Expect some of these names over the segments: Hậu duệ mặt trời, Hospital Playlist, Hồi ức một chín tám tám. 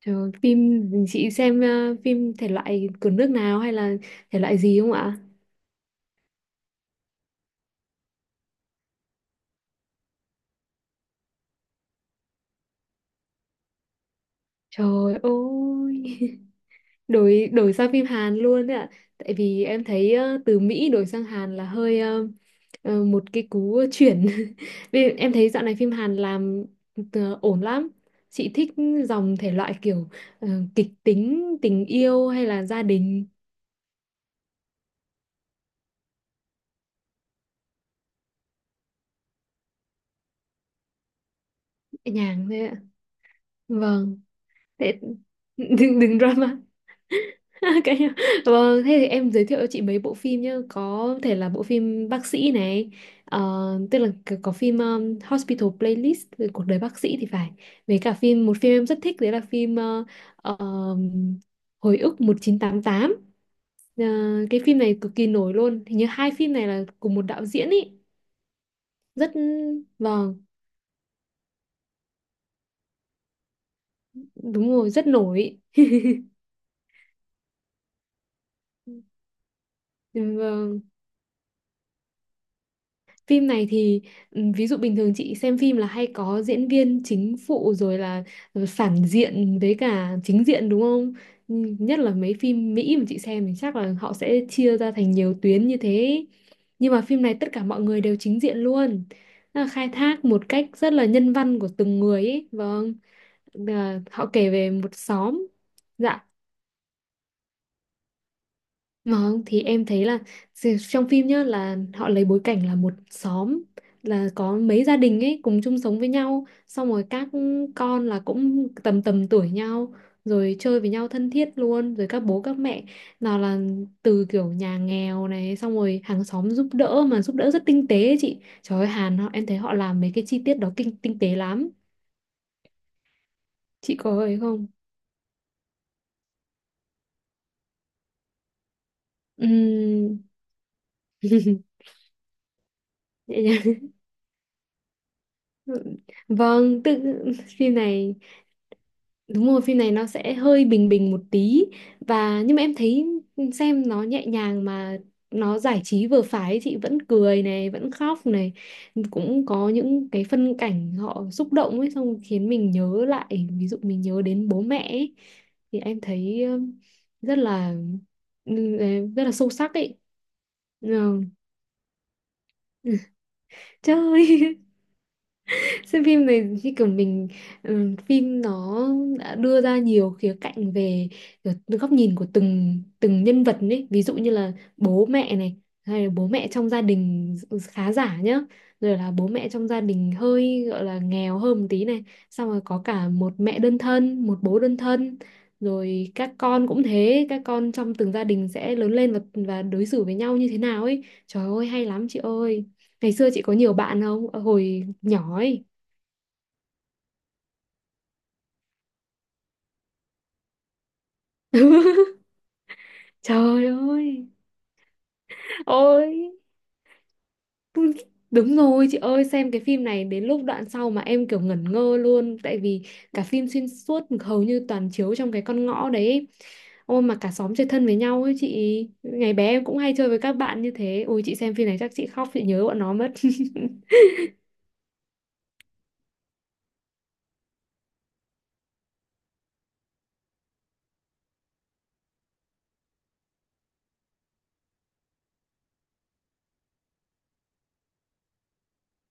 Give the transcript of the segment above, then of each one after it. Trời ơi, phim chị xem phim thể loại của nước nào hay là thể loại gì không ạ? Trời ơi, đổi đổi sang phim Hàn luôn đấy ạ. Tại vì em thấy từ Mỹ đổi sang Hàn là hơi một cái cú chuyển. Vì em thấy dạo này phim Hàn làm ổn lắm. Chị thích dòng thể loại kiểu ờ, kịch tính, tình yêu hay là gia đình nhẹ nhàng thế ạ. Vâng. Thế đừng đừng drama. Cái vâng, thế thì em giới thiệu cho chị mấy bộ phim nhá, có thể là bộ phim bác sĩ này, ờ, tức là có phim Hospital Playlist về cuộc đời bác sĩ thì phải. Với cả một phim em rất thích đấy là phim ờ, Hồi ức 1988. Ờ, cái phim này cực kỳ nổi luôn. Hình như hai phim này là cùng một đạo diễn ý. Rất vâng, đúng rồi, rất nổi. Vâng. Phim này thì ví dụ bình thường chị xem phim là hay có diễn viên chính phụ rồi là phản diện với cả chính diện đúng không? Ừ, nhất là mấy phim Mỹ mà chị xem thì chắc là họ sẽ chia ra thành nhiều tuyến như thế. Nhưng mà phim này tất cả mọi người đều chính diện luôn. Nó là khai thác một cách rất là nhân văn của từng người ấy. Vâng, là họ kể về một xóm. Dạ, mà không thì em thấy là trong phim nhá là họ lấy bối cảnh là một xóm, là có mấy gia đình ấy cùng chung sống với nhau, xong rồi các con là cũng tầm tầm tuổi nhau rồi chơi với nhau thân thiết luôn, rồi các bố các mẹ nào là từ kiểu nhà nghèo này, xong rồi hàng xóm giúp đỡ mà giúp đỡ rất tinh tế ấy chị. Trời ơi, Hàn họ em thấy họ làm mấy cái chi tiết đó kinh tinh tế lắm. Chị có ấy không? Ừm. Vậy nha. Vâng, tự phim này đúng rồi, phim này nó sẽ hơi bình bình một tí và nhưng mà em thấy xem nó nhẹ nhàng mà nó giải trí vừa phải, chị vẫn cười này, vẫn khóc này, cũng có những cái phân cảnh họ xúc động ấy xong khiến mình nhớ lại, ví dụ mình nhớ đến bố mẹ ấy, thì em thấy rất là ừ, ờ, rất là sâu sắc ấy. Ờ. Ừ. Trời ơi, xem phim này như kiểu mình phim nó đã đưa ra nhiều khía cạnh về kiểu góc nhìn của từng từng nhân vật ấy, ví dụ như là bố mẹ này, hay là bố mẹ trong gia đình khá giả nhá, rồi là bố mẹ trong gia đình hơi gọi là nghèo hơn một tí này, xong rồi có cả một mẹ đơn thân một bố đơn thân, rồi các con cũng thế, các con trong từng gia đình sẽ lớn lên và đối xử với nhau như thế nào ấy. Trời ơi hay lắm chị ơi. Ngày xưa chị có nhiều bạn không? Ờ, hồi nhỏ ấy. Trời ơi, ôi, đúng rồi chị ơi, xem cái phim này đến lúc đoạn sau mà em kiểu ngẩn ngơ luôn, tại vì cả phim xuyên suốt hầu như toàn chiếu trong cái con ngõ đấy ấy. Ôi mà cả xóm chơi thân với nhau ấy chị, ngày bé em cũng hay chơi với các bạn như thế. Ôi chị xem phim này chắc chị khóc, chị nhớ bọn nó mất.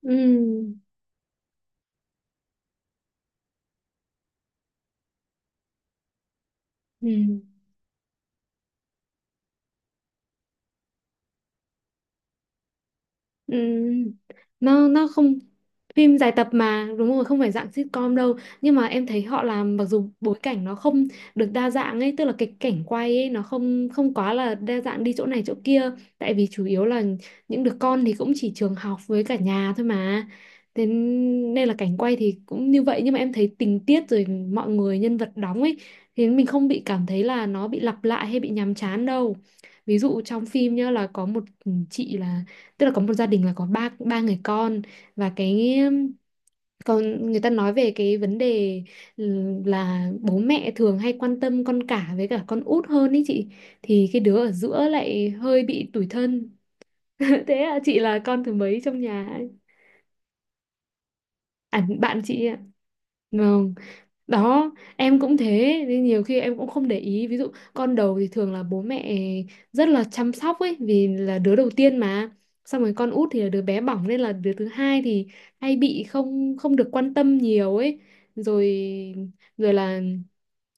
Ừ. Ừ. Ừ, nó không phim dài tập mà đúng rồi không phải dạng sitcom đâu, nhưng mà em thấy họ làm mặc dù bối cảnh nó không được đa dạng ấy, tức là cái cảnh quay ấy nó không không quá là đa dạng đi chỗ này chỗ kia, tại vì chủ yếu là những đứa con thì cũng chỉ trường học với cả nhà thôi mà, thế nên là cảnh quay thì cũng như vậy, nhưng mà em thấy tình tiết rồi mọi người nhân vật đóng ấy thì mình không bị cảm thấy là nó bị lặp lại hay bị nhàm chán đâu. Ví dụ trong phim nhá là có một chị là, tức là có một gia đình là có ba ba người con, và cái còn người ta nói về cái vấn đề ừ, là bố mẹ thường hay quan tâm con cả với cả con út hơn ý chị, thì cái đứa ở giữa lại hơi bị tủi thân. Thế à? Chị là con thứ mấy trong nhà? À, bạn chị ạ? Vâng, đó em cũng thế nên nhiều khi em cũng không để ý, ví dụ con đầu thì thường là bố mẹ rất là chăm sóc ấy vì là đứa đầu tiên mà, xong rồi con út thì là đứa bé bỏng, nên là đứa thứ hai thì hay bị không không được quan tâm nhiều ấy, rồi rồi là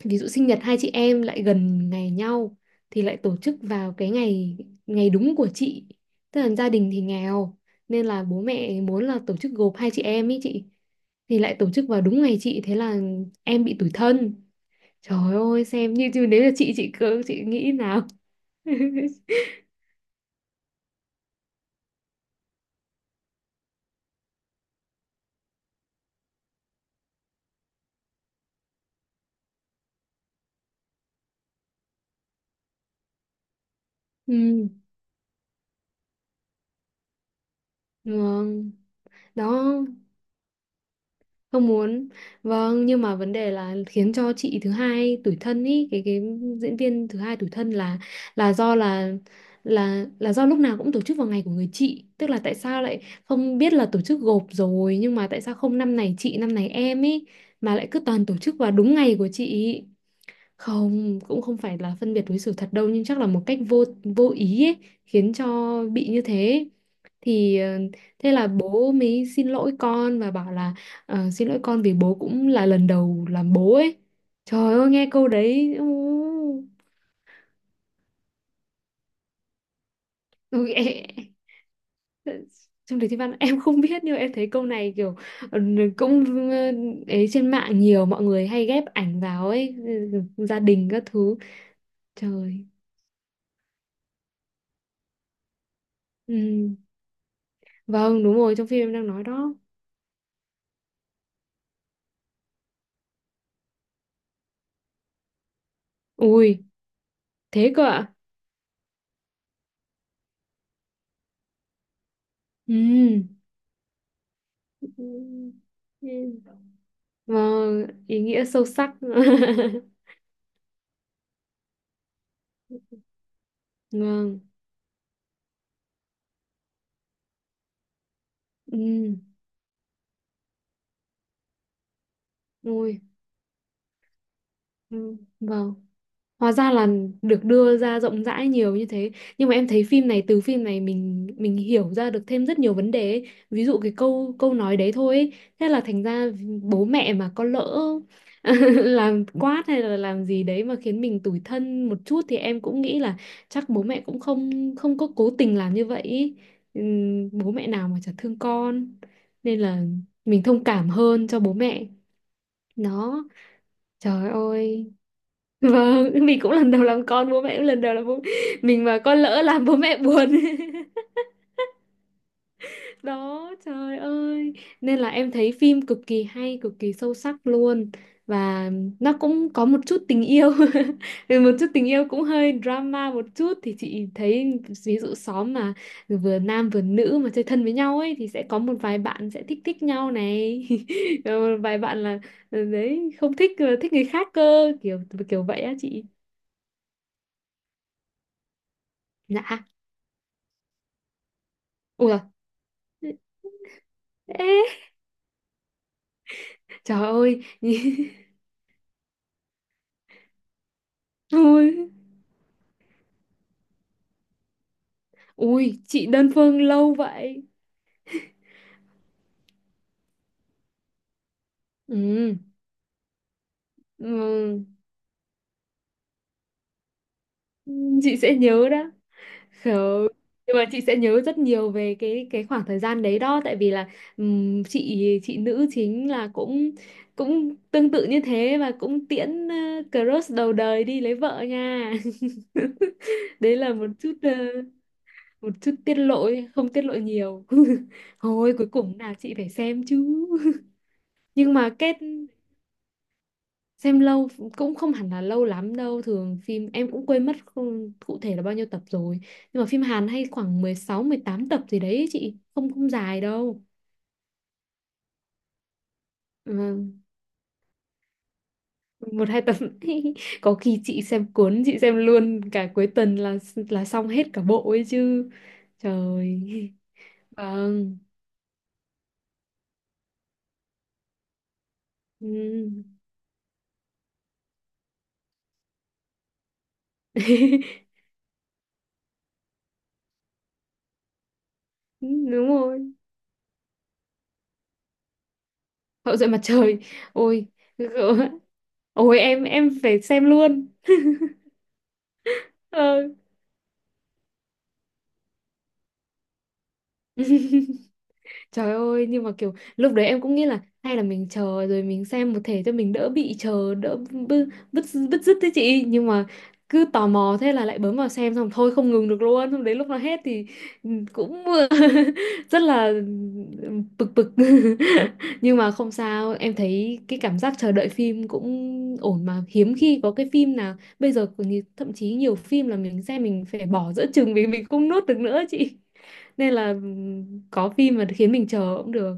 ví dụ sinh nhật hai chị em lại gần ngày nhau thì lại tổ chức vào cái ngày ngày đúng của chị, tức là gia đình thì nghèo nên là bố mẹ muốn là tổ chức gộp hai chị em ý chị, thì lại tổ chức vào đúng ngày chị, thế là em bị tủi thân. Trời ơi xem như chứ nếu là chị cứ chị nghĩ nào. Ừ. Vâng. Đó, không muốn. Vâng, nhưng mà vấn đề là khiến cho chị thứ hai tủi thân ý, cái diễn viên thứ hai tủi thân là do là do lúc nào cũng tổ chức vào ngày của người chị, tức là tại sao lại không biết là tổ chức gộp rồi, nhưng mà tại sao không năm này chị năm này em ý mà lại cứ toàn tổ chức vào đúng ngày của chị. Không, cũng không phải là phân biệt đối xử thật đâu nhưng chắc là một cách vô vô ý ấy, khiến cho bị như thế. Thì thế là bố mới xin lỗi con và bảo là xin lỗi con vì bố cũng là lần đầu làm bố ấy. Trời ơi nghe câu đấy. Ôi, ê, ê. Trong đề thi văn em không biết nhưng mà em thấy câu này kiểu ờ, cũng ờ, ấy, trên mạng nhiều mọi người hay ghép ảnh vào ấy. Ừ, gia đình các thứ. Trời. Ừ. Vâng, đúng rồi, trong phim em đang nói đó. Ui, thế cơ ạ? Ừ. Ừ. Ừ. Vâng, ý nghĩa sâu sắc. Vâng. Ừ. Ui. Ừ. Vâng. Hóa ra là được đưa ra rộng rãi nhiều như thế. Nhưng mà em thấy phim này, từ phim này mình hiểu ra được thêm rất nhiều vấn đề ấy. Ví dụ cái câu câu nói đấy thôi ấy. Thế là thành ra bố mẹ mà có lỡ làm quát hay là làm gì đấy mà khiến mình tủi thân một chút, thì em cũng nghĩ là chắc bố mẹ cũng không không có cố tình làm như vậy ý. Bố mẹ nào mà chả thương con. Nên là mình thông cảm hơn cho bố mẹ. Đó, trời ơi. Vâng, mình cũng lần đầu làm con, bố mẹ cũng lần đầu làm bố. Mình mà con lỡ làm bố mẹ buồn. Đó, trời ơi. Nên là em thấy phim cực kỳ hay, cực kỳ sâu sắc luôn. Và nó cũng có một chút tình yêu. Vì một chút tình yêu cũng hơi drama một chút. Thì chị thấy ví dụ xóm mà vừa nam vừa nữ mà chơi thân với nhau ấy thì sẽ có một vài bạn sẽ thích thích nhau này. Rồi một vài bạn là đấy không thích người khác cơ, kiểu kiểu vậy á chị. Dạ. Ủa, ê, trời ơi, ui, ui, chị đơn phương lâu vậy. Ừ, ừ, chị sẽ nhớ đó. Khờ. Nhưng mà chị sẽ nhớ rất nhiều về cái khoảng thời gian đấy đó, tại vì là chị nữ chính là cũng cũng tương tự như thế và cũng tiễn crush đầu đời đi lấy vợ nha. Đấy là một chút tiết lộ ấy, không tiết lộ nhiều. Thôi cuối cùng nào chị phải xem chứ. Nhưng mà xem lâu cũng không hẳn là lâu lắm đâu, thường phim em cũng quên mất không, cụ thể là bao nhiêu tập rồi, nhưng mà phim Hàn hay khoảng 16 18 tập gì đấy ấy chị, không không dài đâu. Vâng, một hai tập. Có khi chị xem cuốn chị xem luôn cả cuối tuần là xong hết cả bộ ấy chứ. Trời. Vâng. Ừ. Đúng rồi. Hậu duệ mặt trời. Ôi. Ôi, em phải xem luôn. Ờ. Trời ơi, nhưng mà kiểu lúc đấy em cũng nghĩ là hay là mình chờ rồi mình xem một thể cho mình đỡ bị chờ, đỡ bứt bứt bứt rứt thế chị. Nhưng mà cứ tò mò thế là lại bấm vào xem, xong thôi không ngừng được luôn, xong đến lúc nó hết thì cũng rất là bực bực. Nhưng mà không sao, em thấy cái cảm giác chờ đợi phim cũng ổn mà, hiếm khi có cái phim nào bây giờ còn thậm chí nhiều phim là mình xem mình phải bỏ giữa chừng vì mình không nuốt được nữa chị, nên là có phim mà khiến mình chờ cũng được.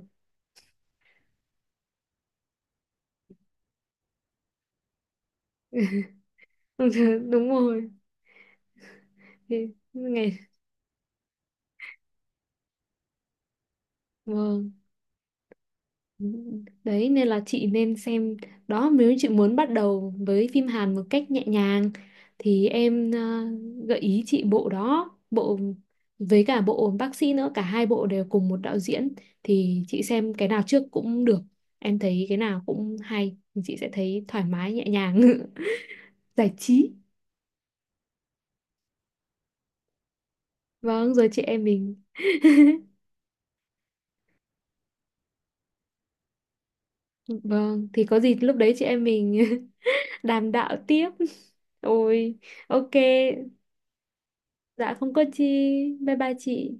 Đúng rồi. Thế ngày vâng. Ừ, đấy nên là chị nên xem đó, nếu chị muốn bắt đầu với phim Hàn một cách nhẹ nhàng thì em gợi ý chị bộ đó, bộ với cả bộ bác sĩ nữa, cả hai bộ đều cùng một đạo diễn, thì chị xem cái nào trước cũng được, em thấy cái nào cũng hay, thì chị sẽ thấy thoải mái nhẹ nhàng giải trí. Vâng, rồi chị em mình. Vâng, thì có gì lúc đấy chị em mình đàm đạo tiếp. Ôi, ok, dạ không có chi. Bye bye chị.